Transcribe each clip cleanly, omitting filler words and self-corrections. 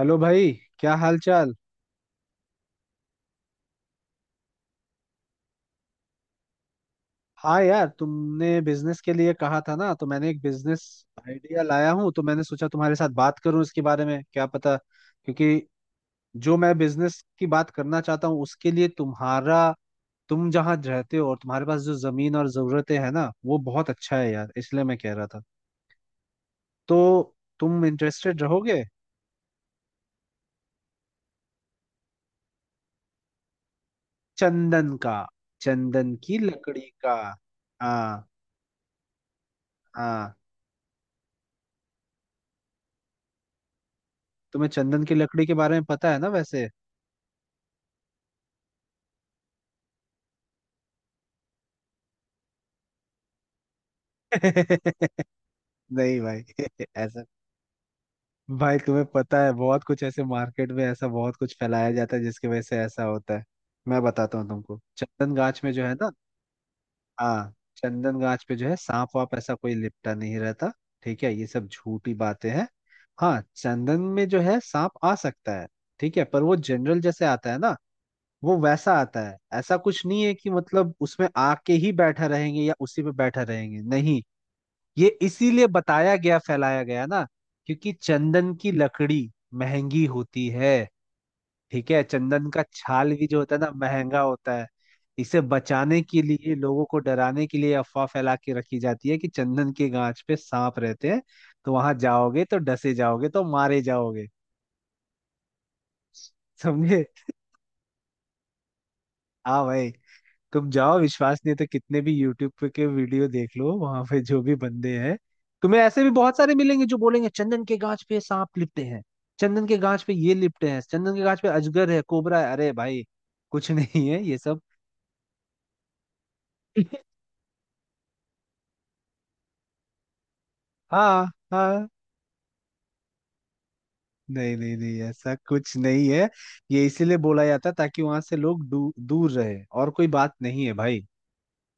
Hello भाई। क्या हाल चाल। हाँ यार, तुमने बिजनेस के लिए कहा था ना तो मैंने एक बिजनेस आइडिया लाया हूँ। तो मैंने सोचा तुम्हारे साथ बात करूँ इसके बारे में, क्या पता, क्योंकि जो मैं बिजनेस की बात करना चाहता हूँ उसके लिए तुम्हारा, तुम जहाँ रहते हो और तुम्हारे पास जो जमीन और जरूरतें हैं ना, वो बहुत अच्छा है यार, इसलिए मैं कह रहा था। तो तुम इंटरेस्टेड रहोगे? चंदन का। चंदन की लकड़ी का। हाँ। हाँ, तुम्हें चंदन की लकड़ी के बारे में पता है ना वैसे। नहीं भाई ऐसा। भाई, तुम्हें पता है, बहुत कुछ ऐसे मार्केट में ऐसा बहुत कुछ फैलाया जाता है जिसकी वजह से ऐसा होता है। मैं बताता हूँ तुमको, चंदन गाछ में जो है ना, हाँ, चंदन गाछ पे जो है, सांप वाप ऐसा कोई लिपटा नहीं रहता। ठीक है, ये सब झूठी बातें हैं। हाँ, चंदन में जो है सांप आ सकता है, ठीक है, पर वो जनरल जैसे आता है ना, वो वैसा आता है, ऐसा कुछ नहीं है कि मतलब उसमें आके ही बैठा रहेंगे या उसी पे बैठा रहेंगे, नहीं। ये इसीलिए बताया गया, फैलाया गया ना, क्योंकि चंदन की लकड़ी महंगी होती है। ठीक है, चंदन का छाल भी जो होता है ना महंगा होता है। इसे बचाने के लिए, लोगों को डराने के लिए अफवाह फैला के रखी जाती है कि चंदन के गांच पे सांप रहते हैं, तो वहां जाओगे तो डसे जाओगे तो मारे जाओगे। समझे। हाँ भाई। तुम जाओ, विश्वास नहीं है तो कितने भी यूट्यूब पे के वीडियो देख लो, वहां पे जो भी बंदे हैं तुम्हें ऐसे भी बहुत सारे मिलेंगे जो बोलेंगे चंदन के गाछ पे सांप लिपटे हैं, चंदन के गाछ पे ये लिपटे हैं, चंदन के गाछ पे अजगर है कोबरा है। अरे भाई, कुछ नहीं है ये सब। हाँ हाँ। नहीं नहीं नहीं, ऐसा कुछ नहीं है। ये इसीलिए बोला जाता है ताकि वहां से लोग दूर रहे, और कोई बात नहीं है भाई।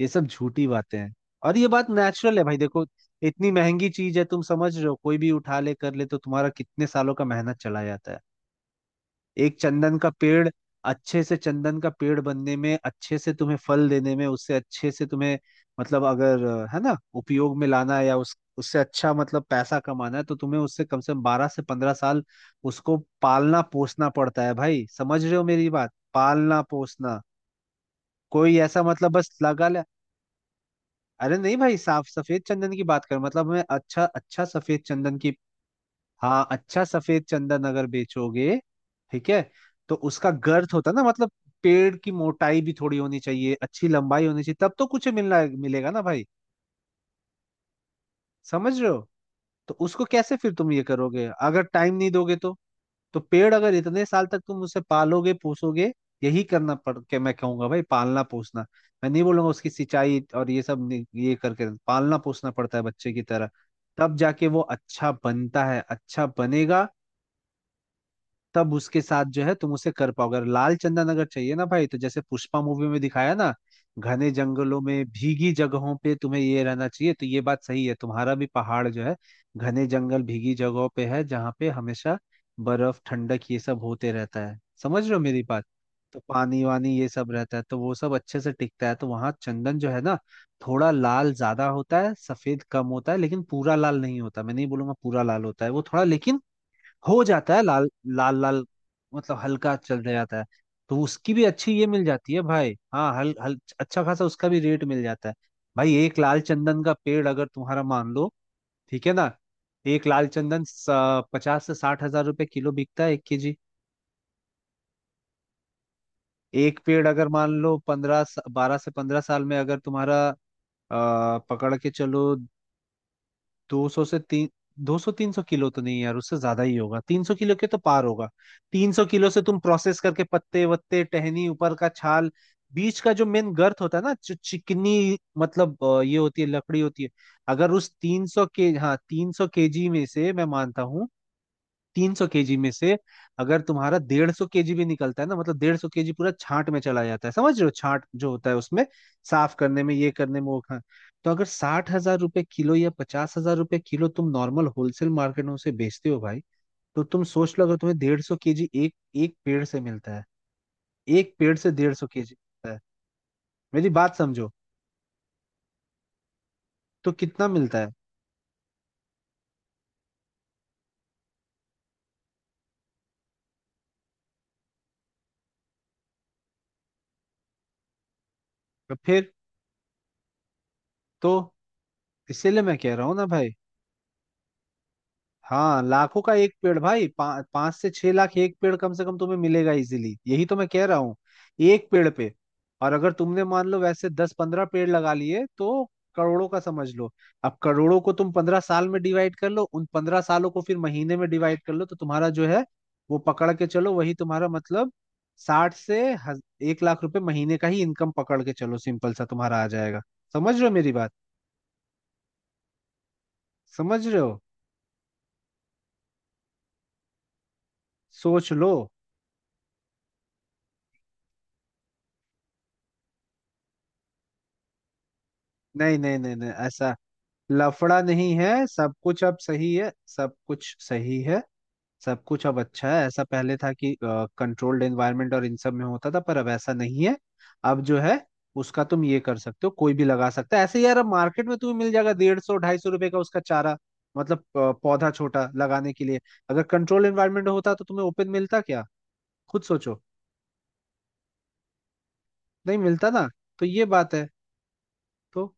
ये सब झूठी बातें हैं। और ये बात नेचुरल है भाई, देखो, इतनी महंगी चीज है, तुम समझ रहे हो, कोई भी उठा ले कर ले तो तुम्हारा कितने सालों का मेहनत चला जाता है। एक चंदन का पेड़, अच्छे से चंदन का पेड़ बनने में, अच्छे से तुम्हें फल देने में, उससे अच्छे से तुम्हें, मतलब अगर, है ना, उपयोग में लाना है या उस उससे अच्छा मतलब पैसा कमाना है तो तुम्हें उससे कम से कम 12 से 15 साल उसको पालना पोसना पड़ता है भाई, समझ रहे हो मेरी बात, पालना पोसना। कोई ऐसा मतलब बस लगा ले। अरे नहीं भाई, साफ सफेद चंदन की बात कर, मतलब मैं अच्छा अच्छा सफेद चंदन की। हाँ, अच्छा सफेद चंदन अगर बेचोगे, ठीक है, तो उसका गर्थ होता है ना, मतलब पेड़ की मोटाई भी थोड़ी होनी चाहिए, अच्छी लंबाई होनी चाहिए तब तो कुछ मिलना मिलेगा ना भाई, समझ रहे हो। तो उसको कैसे फिर तुम ये करोगे अगर टाइम नहीं दोगे तो। तो पेड़ अगर इतने साल तक तुम उसे पालोगे पोसोगे, यही करना पड़ के मैं कहूंगा भाई, पालना पोसना। मैं नहीं बोलूंगा उसकी सिंचाई और ये सब नहीं- ये करके पालना पोसना पड़ता है बच्चे की तरह। तब जाके वो अच्छा बनता है, अच्छा बनेगा। तब उसके साथ जो है तुम उसे कर पाओगे। अगर लाल चंदन अगर चाहिए ना भाई तो जैसे पुष्पा मूवी में दिखाया ना, घने जंगलों में भीगी जगहों पे तुम्हें ये रहना चाहिए, तो ये बात सही है, तुम्हारा भी पहाड़ जो है, घने जंगल भीगी जगहों पे है जहाँ पे हमेशा बर्फ ठंडक ये सब होते रहता है, समझ रहे हो मेरी बात। तो पानी वानी ये सब रहता है तो वो सब अच्छे से टिकता है, तो वहाँ चंदन जो है ना, थोड़ा लाल ज्यादा होता है, सफेद कम होता है, लेकिन पूरा लाल नहीं होता, मैं नहीं बोलूंगा पूरा लाल होता है वो थोड़ा, लेकिन हो जाता है लाल, लाल लाल, मतलब हल्का चल जाता है, तो उसकी भी अच्छी ये मिल जाती है भाई, हाँ, हल हल अच्छा खासा उसका भी रेट मिल जाता है। भाई एक लाल चंदन का पेड़ अगर तुम्हारा मान लो, ठीक है ना, एक लाल चंदन 50,000 से 60,000 रुपए किलो बिकता है, 1 केजी। एक पेड़ अगर मान लो 15, 12 से 15 साल में अगर तुम्हारा पकड़ के चलो, 200 से 300, 200, 300 किलो तो नहीं यार, उससे ज्यादा ही होगा, 300 किलो के तो पार होगा। 300 किलो से तुम प्रोसेस करके पत्ते वत्ते टहनी ऊपर का छाल, बीच का जो मेन गर्थ होता है ना, जो चिकनी मतलब ये होती है, लकड़ी होती है। अगर उस 300 के, हाँ, 300 केजी में से मैं मानता हूँ, 300 केजी में से अगर तुम्हारा 150 केजी भी निकलता है ना, मतलब 150 केजी पूरा छांट में चला जाता है, समझ रहे हो, छांट जो होता है उसमें साफ करने में ये करने में वो। तो अगर 60,000 रुपए किलो या 50,000 रुपए किलो तुम नॉर्मल होलसेल मार्केट में उसे बेचते हो भाई, तो तुम सोच लो अगर तुम्हें 150 केजी एक एक पेड़ से मिलता है, एक पेड़ से 150 केजी मिलता है, मेरी बात समझो, तो कितना मिलता है? तो फिर, तो इसीलिए मैं कह रहा हूँ ना भाई, हाँ लाखों का एक पेड़ भाई, 5 से 6 लाख एक पेड़ कम से कम तुम्हें मिलेगा इजीली, यही तो मैं कह रहा हूँ, एक पेड़ पे। और अगर तुमने मान लो वैसे 10-15 पेड़ लगा लिए तो करोड़ों का समझ लो। अब करोड़ों को तुम 15 साल में डिवाइड कर लो, उन 15 सालों को फिर महीने में डिवाइड कर लो तो तुम्हारा जो है वो पकड़ के चलो, वही तुम्हारा मतलब साठ से हज- 1 लाख रुपए महीने का ही इनकम, पकड़ के चलो सिंपल सा तुम्हारा आ जाएगा, समझ रहे हो मेरी बात, समझ रहे हो, सोच लो। नहीं नहीं नहीं नहीं, ऐसा लफड़ा नहीं है, सब कुछ अब सही है, सब कुछ सही है, सब कुछ अब अच्छा है। ऐसा पहले था कि कंट्रोल्ड एनवायरनमेंट और इन सब में होता था पर अब ऐसा नहीं है। अब जो है उसका तुम ये कर सकते हो, कोई भी लगा सकता है ऐसे यार, अब मार्केट में तुम्हें मिल जाएगा 150-250 रुपए का उसका चारा, मतलब पौधा छोटा लगाने के लिए। अगर कंट्रोल एनवायरनमेंट होता तो तुम्हें ओपन मिलता क्या, खुद सोचो, नहीं मिलता ना, तो ये बात है। तो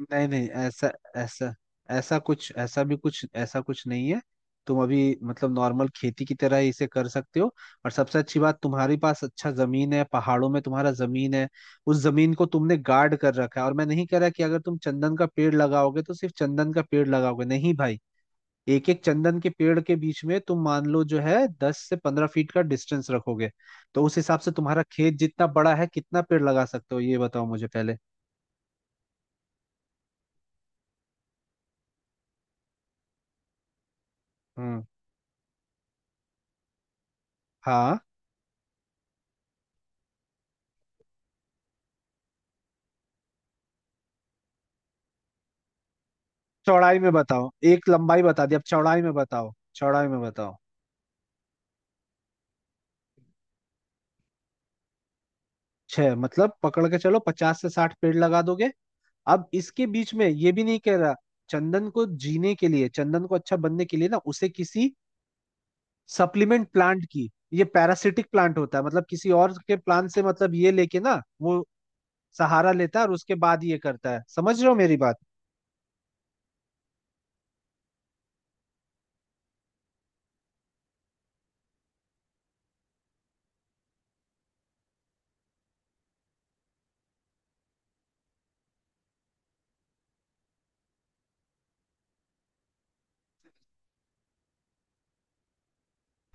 नहीं नहीं, ऐसा ऐसा ऐसा कुछ, ऐसा भी कुछ, ऐसा कुछ नहीं है, तुम अभी मतलब नॉर्मल खेती की तरह ही इसे कर सकते हो। और सबसे अच्छी बात, तुम्हारे पास अच्छा जमीन है, पहाड़ों में तुम्हारा जमीन है, उस जमीन को तुमने गार्ड कर रखा है, और मैं नहीं कह रहा कि अगर तुम चंदन का पेड़ लगाओगे तो सिर्फ चंदन का पेड़ लगाओगे, नहीं भाई। एक एक चंदन के पेड़ के बीच में तुम मान लो जो है, 10 से 15 फीट का डिस्टेंस रखोगे, तो उस हिसाब से तुम्हारा खेत जितना बड़ा है कितना पेड़ लगा सकते हो ये बताओ मुझे पहले। हम्म। हाँ, चौड़ाई में बताओ, एक लंबाई बता दी, अब चौड़ाई में बताओ, चौड़ाई में बताओ। छह मतलब पकड़ के चलो 50 से 60 पेड़ लगा दोगे, अब इसके बीच में ये भी नहीं कह रहा, चंदन को जीने के लिए, चंदन को अच्छा बनने के लिए ना, उसे किसी सप्लीमेंट प्लांट की, ये पैरासिटिक प्लांट होता है, मतलब किसी और के प्लांट से, मतलब ये लेके ना वो सहारा लेता है और उसके बाद ये करता है, समझ रहे हो मेरी बात।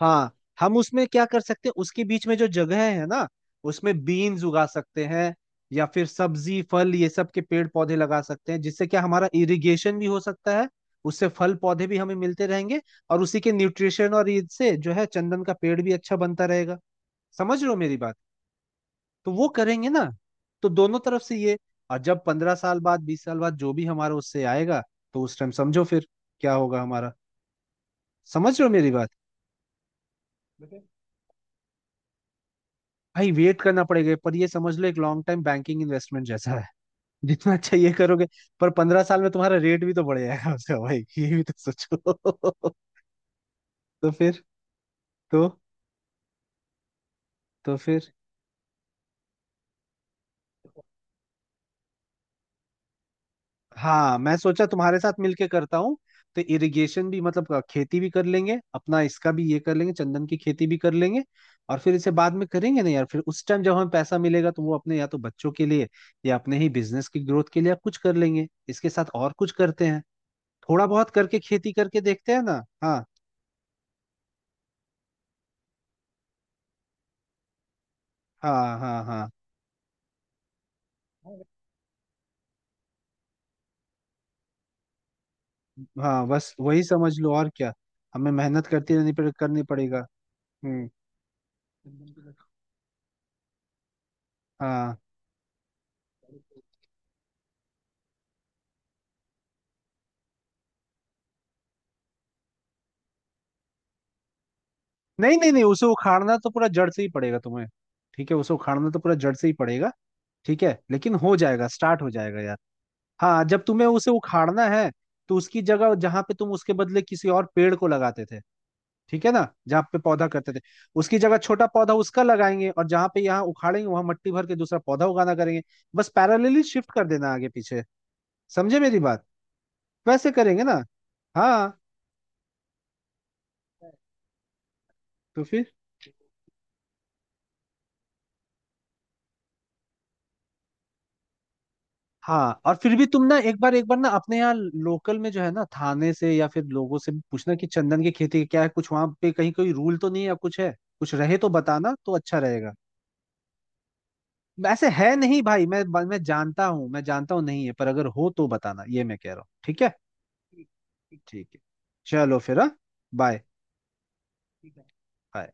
हाँ, हम उसमें क्या कर सकते हैं, उसके बीच में जो जगह है ना उसमें बीन्स उगा सकते हैं, या फिर सब्जी फल ये सब के पेड़ पौधे लगा सकते हैं जिससे क्या हमारा इरिगेशन भी हो सकता है। उससे फल पौधे भी हमें मिलते रहेंगे, और उसी के न्यूट्रिशन और इससे जो है चंदन का पेड़ भी अच्छा बनता रहेगा, समझ रहे हो मेरी बात। तो वो करेंगे ना, तो दोनों तरफ से ये। और जब 15 साल बाद 20 साल बाद जो भी हमारा उससे आएगा, तो उस टाइम समझो फिर क्या होगा हमारा, समझ रहे हो मेरी बात। भाई वेट करना पड़ेगा पर ये समझ लो एक लॉन्ग टाइम बैंकिंग इन्वेस्टमेंट जैसा है, जितना अच्छा ये करोगे। पर 15 साल में तुम्हारा रेट भी तो बढ़ जाएगा उसका भाई, ये भी तो सोचो तो फिर, तो तो फिर, हाँ, मैं सोचा तुम्हारे साथ मिलके करता हूँ। तो इरिगेशन भी मतलब खेती भी कर लेंगे अपना, इसका भी ये कर लेंगे, चंदन की खेती भी कर लेंगे। और फिर इसे बाद में करेंगे ना यार, फिर उस टाइम जब हमें पैसा मिलेगा तो वो अपने या तो बच्चों के लिए या अपने ही बिजनेस की ग्रोथ के लिए आप कुछ कर लेंगे इसके साथ, और कुछ करते हैं, थोड़ा बहुत करके खेती करके देखते हैं ना। हाँ हाँ हाँ हाँ हाँ, बस वही समझ लो और क्या, हमें मेहनत करती रहनी पड़े, करनी पड़ेगा। हम्म। हाँ, नहीं नहीं नहीं, उसे उखाड़ना तो पूरा जड़ से ही पड़ेगा तुम्हें, ठीक है, उसे उखाड़ना तो पूरा जड़ से ही पड़ेगा, ठीक है लेकिन हो जाएगा, स्टार्ट हो जाएगा यार। हाँ, जब तुम्हें उसे उखाड़ना है तो उसकी जगह जहां पे तुम उसके बदले किसी और पेड़ को लगाते थे, ठीक है ना, जहाँ पे पौधा करते थे उसकी जगह छोटा पौधा उसका लगाएंगे, और जहाँ पे यहाँ उखाड़ेंगे वहां मट्टी भर के दूसरा पौधा उगाना करेंगे, बस पैरेलली शिफ्ट कर देना आगे पीछे, समझे मेरी बात, वैसे करेंगे ना। हाँ, तो फिर, हाँ, और फिर भी तुम ना एक बार ना अपने यहाँ लोकल में जो है ना थाने से या फिर लोगों से भी पूछना कि चंदन की खेती का क्या है, कुछ वहां पे कहीं कोई रूल तो नहीं है या कुछ है, कुछ रहे तो बताना तो अच्छा रहेगा। ऐसे है नहीं भाई, मैं जानता हूँ, मैं जानता हूँ नहीं है, पर अगर हो तो बताना ये मैं कह रहा हूँ, ठीक है। ठीक, ठीक है। चलो फिर, हाँ, बाय। ठीक है, बाय।